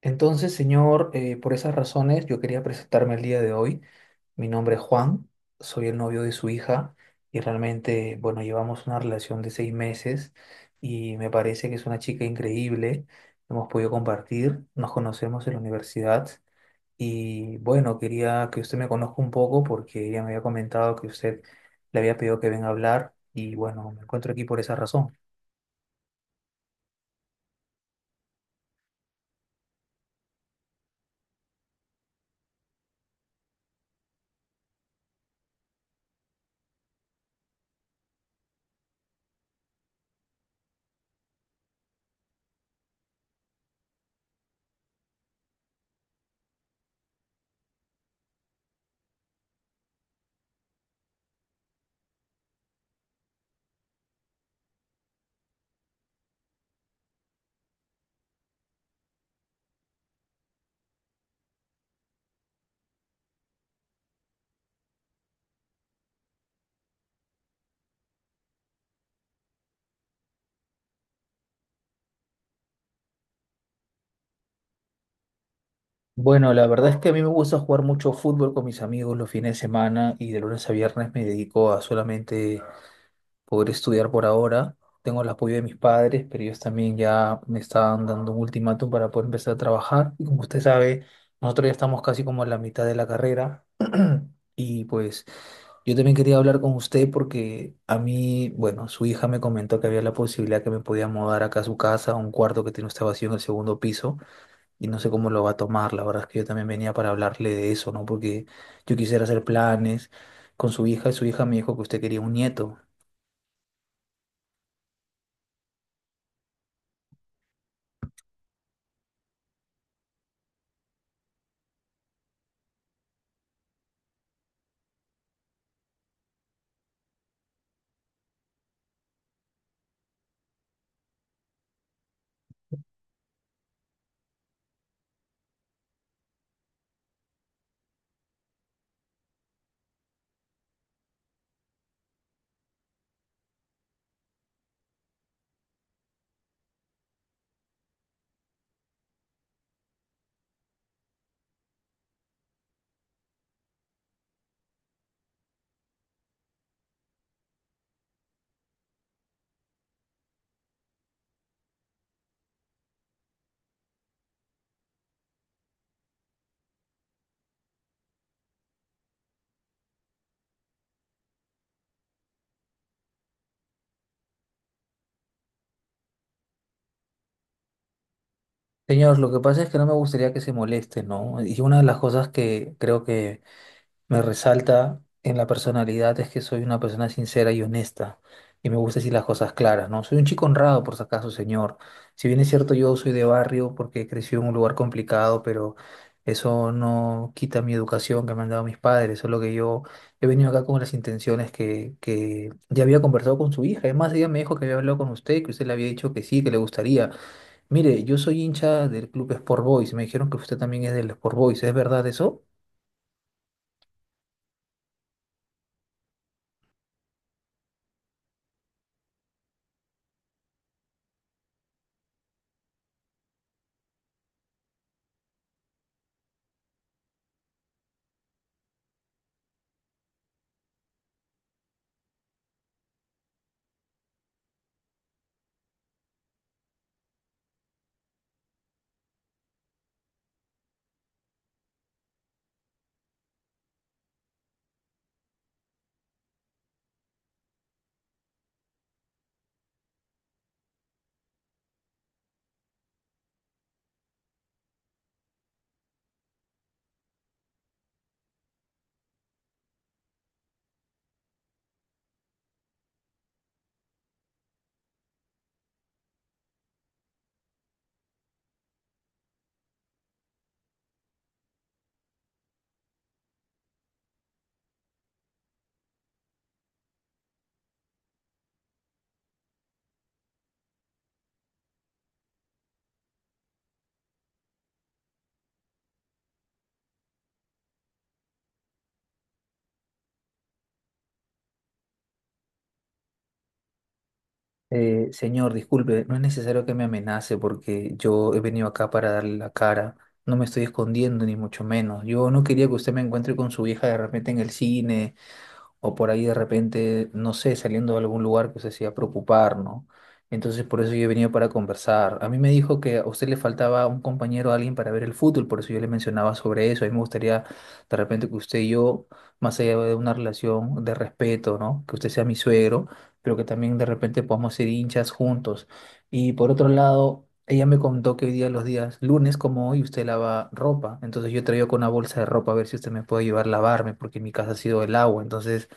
Entonces, señor, por esas razones yo quería presentarme el día de hoy. Mi nombre es Juan, soy el novio de su hija y realmente, bueno, llevamos una relación de 6 meses y me parece que es una chica increíble. Hemos podido compartir, nos conocemos en la universidad y bueno, quería que usted me conozca un poco porque ella me había comentado que usted le había pedido que venga a hablar y bueno, me encuentro aquí por esa razón. Bueno, la verdad es que a mí me gusta jugar mucho fútbol con mis amigos los fines de semana y de lunes a viernes me dedico a solamente poder estudiar por ahora. Tengo el apoyo de mis padres, pero ellos también ya me estaban dando un ultimátum para poder empezar a trabajar. Y como usted sabe, nosotros ya estamos casi como en la mitad de la carrera. Y pues yo también quería hablar con usted porque a mí, bueno, su hija me comentó que había la posibilidad que me podía mudar acá a su casa, a un cuarto que tiene usted vacío en el segundo piso y no sé cómo lo va a tomar. La verdad es que yo también venía para hablarle de eso, ¿no? Porque yo quisiera hacer planes con su hija y su hija me dijo que usted quería un nieto. Señor, lo que pasa es que no me gustaría que se moleste, ¿no? Y una de las cosas que creo que me resalta en la personalidad es que soy una persona sincera y honesta y me gusta decir las cosas claras, ¿no? Soy un chico honrado, por si acaso, señor. Si bien es cierto, yo soy de barrio porque crecí en un lugar complicado, pero eso no quita mi educación que me han dado mis padres, solo que yo he venido acá con las intenciones que ya había conversado con su hija. Además, ella me dijo que había hablado con usted, que usted le había dicho que sí, que le gustaría. Mire, yo soy hincha del club Sport Boys, me dijeron que usted también es del Sport Boys, ¿es verdad eso? Señor, disculpe, no es necesario que me amenace porque yo he venido acá para darle la cara. No me estoy escondiendo, ni mucho menos. Yo no quería que usted me encuentre con su hija de repente en el cine o por ahí de repente, no sé, saliendo de algún lugar que se hacía preocupar, ¿no? Entonces por eso yo he venido para conversar. A mí me dijo que a usted le faltaba un compañero, alguien para ver el fútbol, por eso yo le mencionaba sobre eso. A mí me gustaría de repente que usted y yo, más allá de una relación de respeto, ¿no? Que usted sea mi suegro, pero que también de repente podamos ser hinchas juntos. Y por otro lado, ella me contó que hoy día, los días lunes como hoy, usted lava ropa. Entonces yo traigo con una bolsa de ropa a ver si usted me puede ayudar a lavarme, porque en mi casa ha sido el agua. Entonces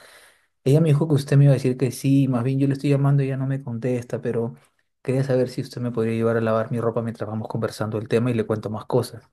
ella me dijo que usted me iba a decir que sí, más bien yo le estoy llamando y ella no me contesta, pero quería saber si usted me podría llevar a lavar mi ropa mientras vamos conversando el tema y le cuento más cosas.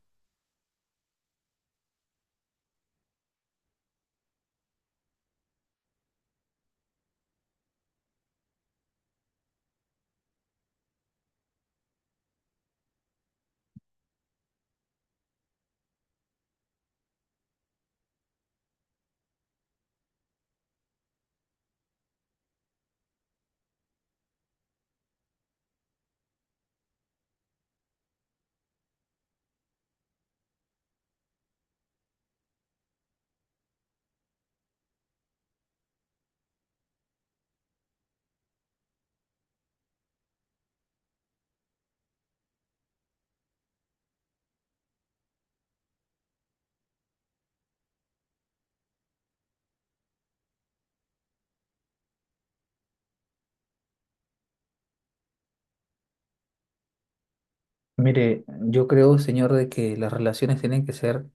Mire, yo creo, señor, de que las relaciones tienen que ser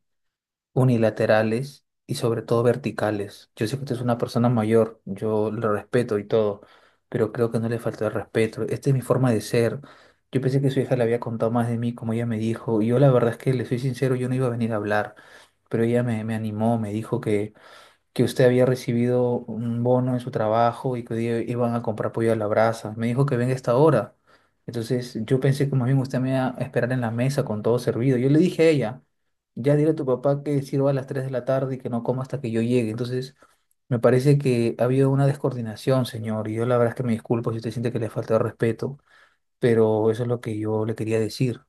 unilaterales y sobre todo verticales. Yo sé que usted es una persona mayor, yo lo respeto y todo, pero creo que no le falta el respeto. Esta es mi forma de ser. Yo pensé que su hija le había contado más de mí, como ella me dijo, y yo la verdad es que le soy sincero, yo no iba a venir a hablar, pero ella me animó, me dijo que usted había recibido un bono en su trabajo y que hoy día iban a comprar pollo a la brasa. Me dijo que venga a esta hora. Entonces yo pensé que más bien usted me iba a esperar en la mesa con todo servido. Yo le dije a ella, ya dile a tu papá que sirva a las 3 de la tarde y que no coma hasta que yo llegue. Entonces me parece que ha habido una descoordinación, señor. Y yo la verdad es que me disculpo si usted siente que le falta el respeto, pero eso es lo que yo le quería decir.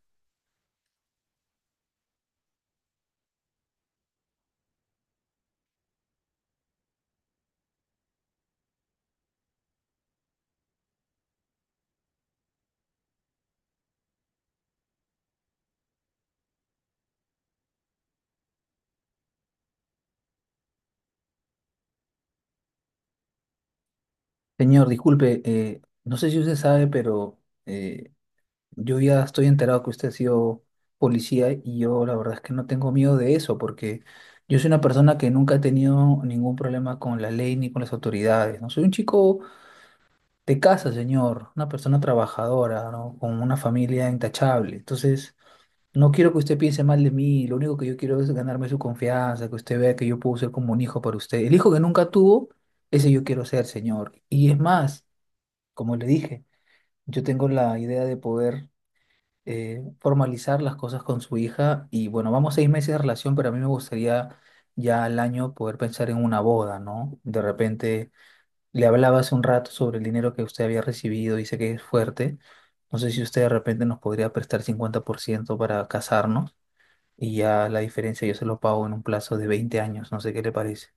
Señor, disculpe, no sé si usted sabe, pero eh, yo ya estoy enterado que usted ha sido policía y yo la verdad es que no tengo miedo de eso porque yo soy una persona que nunca ha tenido ningún problema con la ley ni con las autoridades, ¿no? Soy un chico de casa, señor, una persona trabajadora, ¿no? Con una familia intachable. Entonces, no quiero que usted piense mal de mí, lo único que yo quiero es ganarme su confianza, que usted vea que yo puedo ser como un hijo para usted. El hijo que nunca tuvo, ese yo quiero ser, señor. Y es más, como le dije, yo tengo la idea de poder formalizar las cosas con su hija y bueno, vamos 6 meses de relación, pero a mí me gustaría ya al año poder pensar en una boda, ¿no? De repente le hablaba hace un rato sobre el dinero que usted había recibido, dice que es fuerte, no sé si usted de repente nos podría prestar 50% para casarnos y ya la diferencia yo se lo pago en un plazo de 20 años, no sé qué le parece.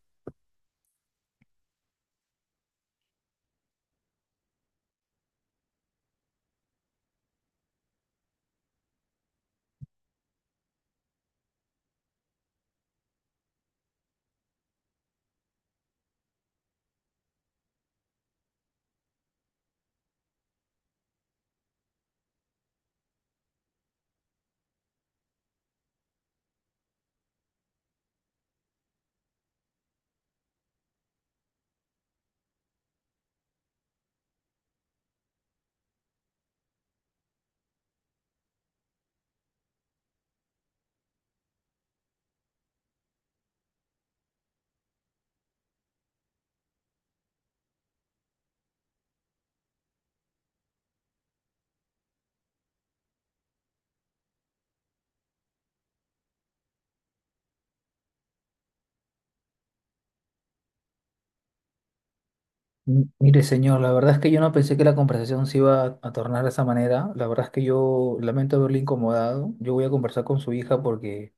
Mire, señor, la verdad es que yo no pensé que la conversación se iba a tornar de esa manera. La verdad es que yo lamento haberle incomodado. Yo voy a conversar con su hija porque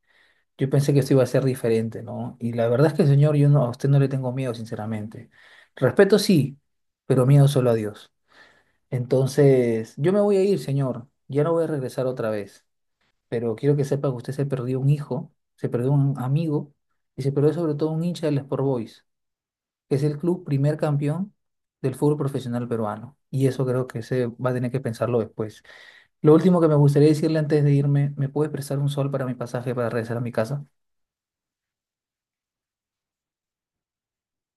yo pensé que esto iba a ser diferente, ¿no? Y la verdad es que, señor, yo no, a usted no le tengo miedo, sinceramente. Respeto sí, pero miedo solo a Dios. Entonces, yo me voy a ir, señor. Ya no voy a regresar otra vez. Pero quiero que sepa que usted se perdió un hijo, se perdió un amigo y se perdió sobre todo un hincha del Sport Boys, que es el club primer campeón del fútbol profesional peruano. Y eso creo que se va a tener que pensarlo después. Lo último que me gustaría decirle antes de irme, ¿me puede prestar 1 sol para mi pasaje para regresar a mi casa?